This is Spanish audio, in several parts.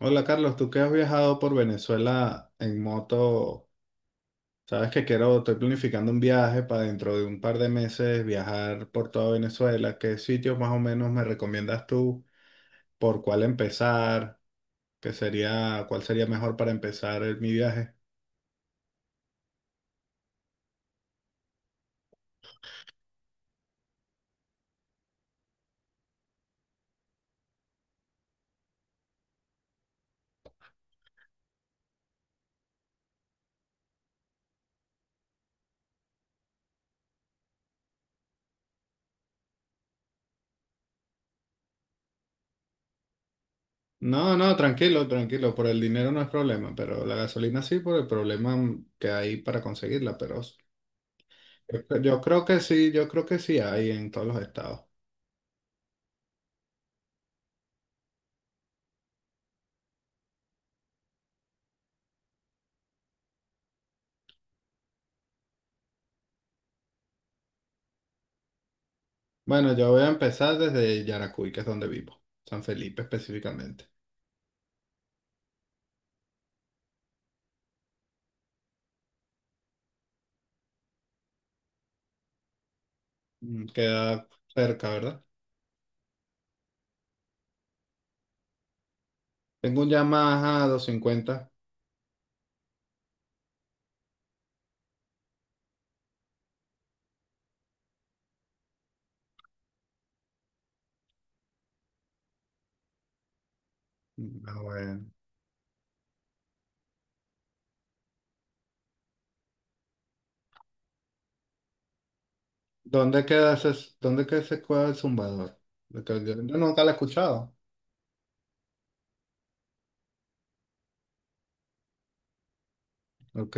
Hola Carlos, tú que has viajado por Venezuela en moto, sabes que quiero, estoy planificando un viaje para dentro de un par de meses viajar por toda Venezuela. ¿Qué sitios más o menos me recomiendas tú? ¿Por cuál empezar? ¿Qué sería, cuál sería mejor para empezar mi viaje? No, no, tranquilo, tranquilo, por el dinero no es problema, pero la gasolina sí por el problema que hay para conseguirla, pero yo creo que sí, yo creo que sí hay en todos los estados. Bueno, yo voy a empezar desde Yaracuy, que es donde vivo, San Felipe específicamente. Mm, queda cerca, ¿verdad? Tengo un Yamaha 250. Mm. Ah, bueno. ¿Dónde queda ese, dónde queda ese cuadro del Zumbador? Porque yo nunca lo he escuchado. Ok.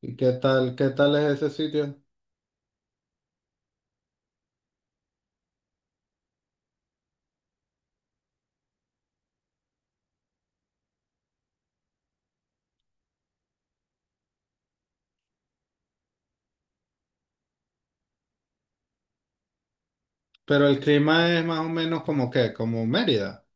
¿Y qué tal es ese sitio? Pero el clima es más o menos como que, como Mérida.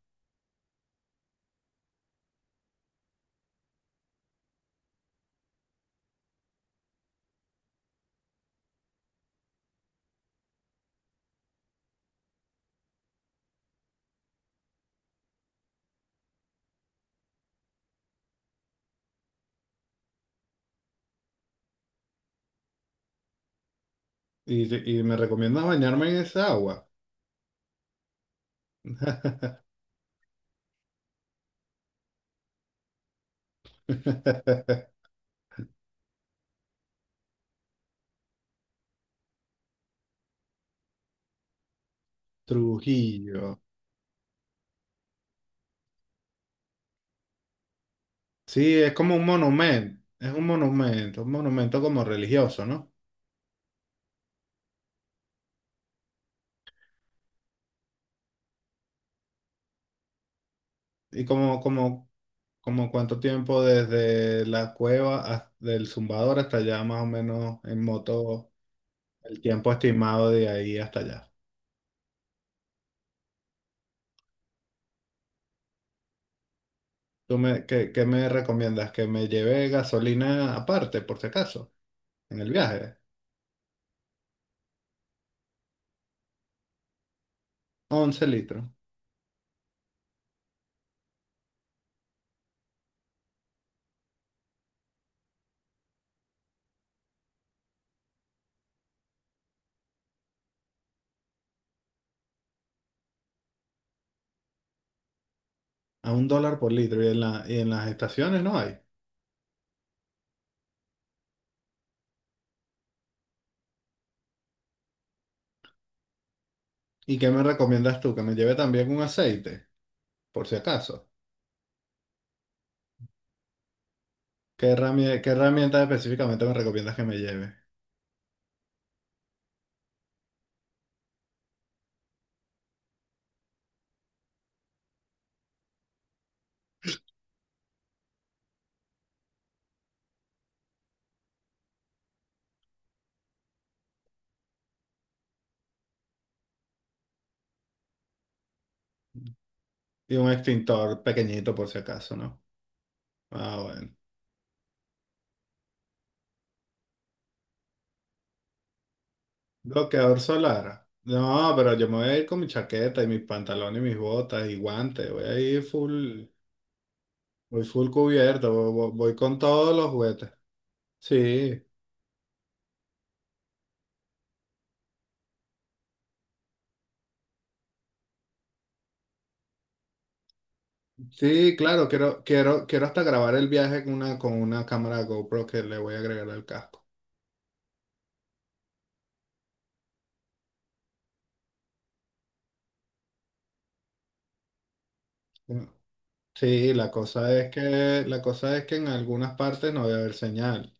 Y me recomiendas bañarme en esa agua. Trujillo. Sí, es como un monumento, es un monumento como religioso, ¿no? Y como, como, como cuánto tiempo desde la cueva del Zumbador hasta allá, más o menos en moto, el tiempo estimado de ahí hasta allá. ¿Tú me, qué, qué me recomiendas? ¿Que me lleve gasolina aparte, por si acaso, en el viaje? 11 litros. A un dólar por litro, y en la, y en las estaciones no hay. ¿Y qué me recomiendas tú? ¿Que me lleve también un aceite, por si acaso? Qué herramienta específicamente me recomiendas que me lleve? Y un extintor pequeñito por si acaso, ¿no? Ah, bueno. Bloqueador solar. No, pero yo me voy a ir con mi chaqueta y mis pantalones y mis botas y guantes. Voy a ir full, voy full cubierto, voy, con todos los juguetes. Sí, sí, claro, quiero, quiero, quiero hasta grabar el viaje con una cámara GoPro que le voy a agregar al casco. Sí, la cosa es que, la cosa es que en algunas partes no voy a haber señal.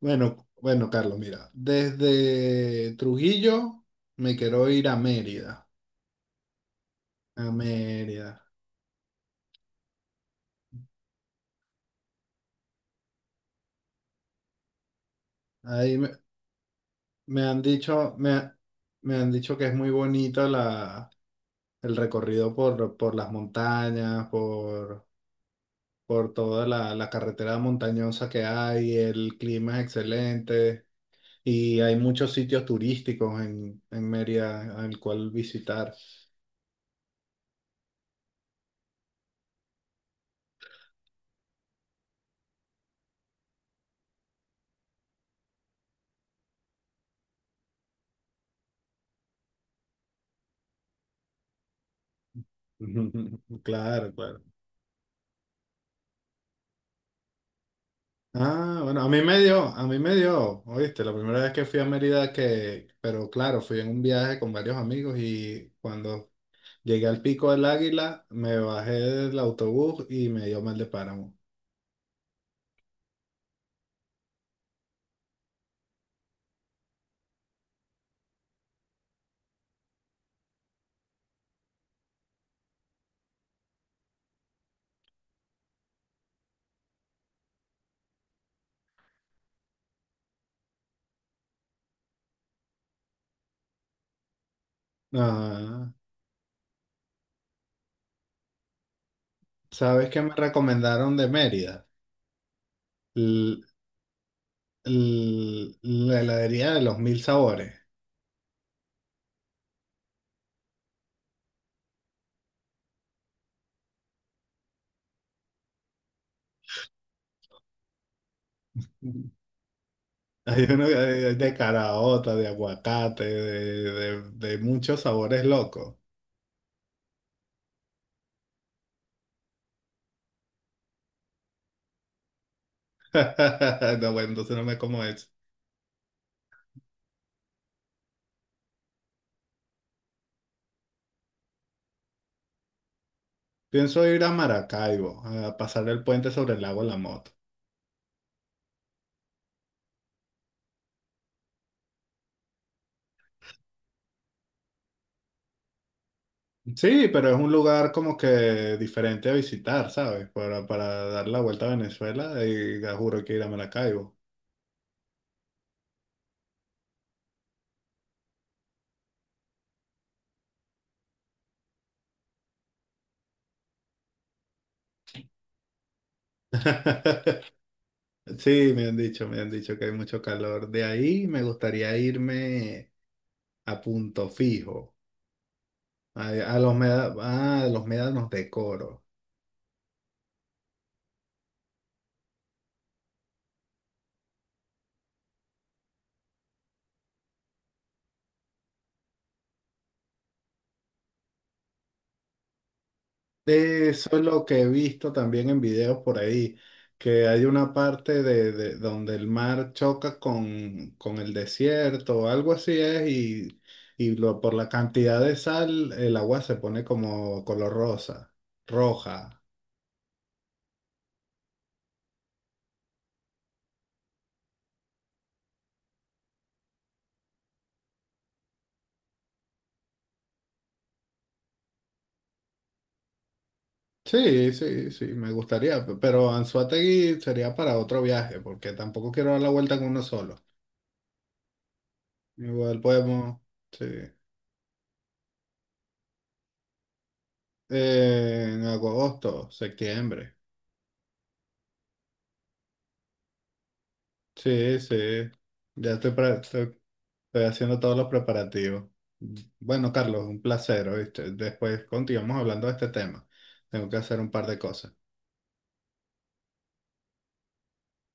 Bueno, bueno, Carlos, mira, desde Trujillo me quiero ir a Mérida, a Mérida. Ahí me, me han dicho, me han dicho que es muy bonito la, el recorrido por las montañas, por toda la, la carretera montañosa que hay, el clima es excelente y hay muchos sitios turísticos en Mérida al cual visitar. Claro, claro. Ah, bueno, a mí me dio, a mí me dio, oíste, la primera vez que fui a Mérida que, pero claro, fui en un viaje con varios amigos y cuando llegué al Pico del Águila, me bajé del autobús y me dio mal de páramo. Ah, ¿sabes qué me recomendaron de Mérida? L- la heladería de los 1000 sabores. Hay uno de caraota, de aguacate, de, de muchos sabores locos. No, bueno, entonces no me como eso. Pienso ir a Maracaibo, a pasar el puente sobre el lago de La Moto. Sí, pero es un lugar como que diferente a visitar, ¿sabes? Para dar la vuelta a Venezuela, y ya juro que ir a Maracaibo. Sí, me han dicho que hay mucho calor. De ahí me gustaría irme a Punto Fijo, a, a los, ah, a los médanos de Coro. Sí, eso es lo que he visto también en videos por ahí, que hay una parte de, donde el mar choca con el desierto, o algo así es, y lo, por la cantidad de sal el agua se pone como color rosa, roja. Sí, sí, sí, me gustaría, pero Anzoátegui sería para otro viaje, porque tampoco quiero dar la vuelta con uno solo. Igual podemos, sí, en agosto, septiembre. Sí, sí. Ya estoy, estoy haciendo todos los preparativos. Bueno, Carlos, un placer, ¿oíste? Después continuamos hablando de este tema. Tengo que hacer un par de cosas.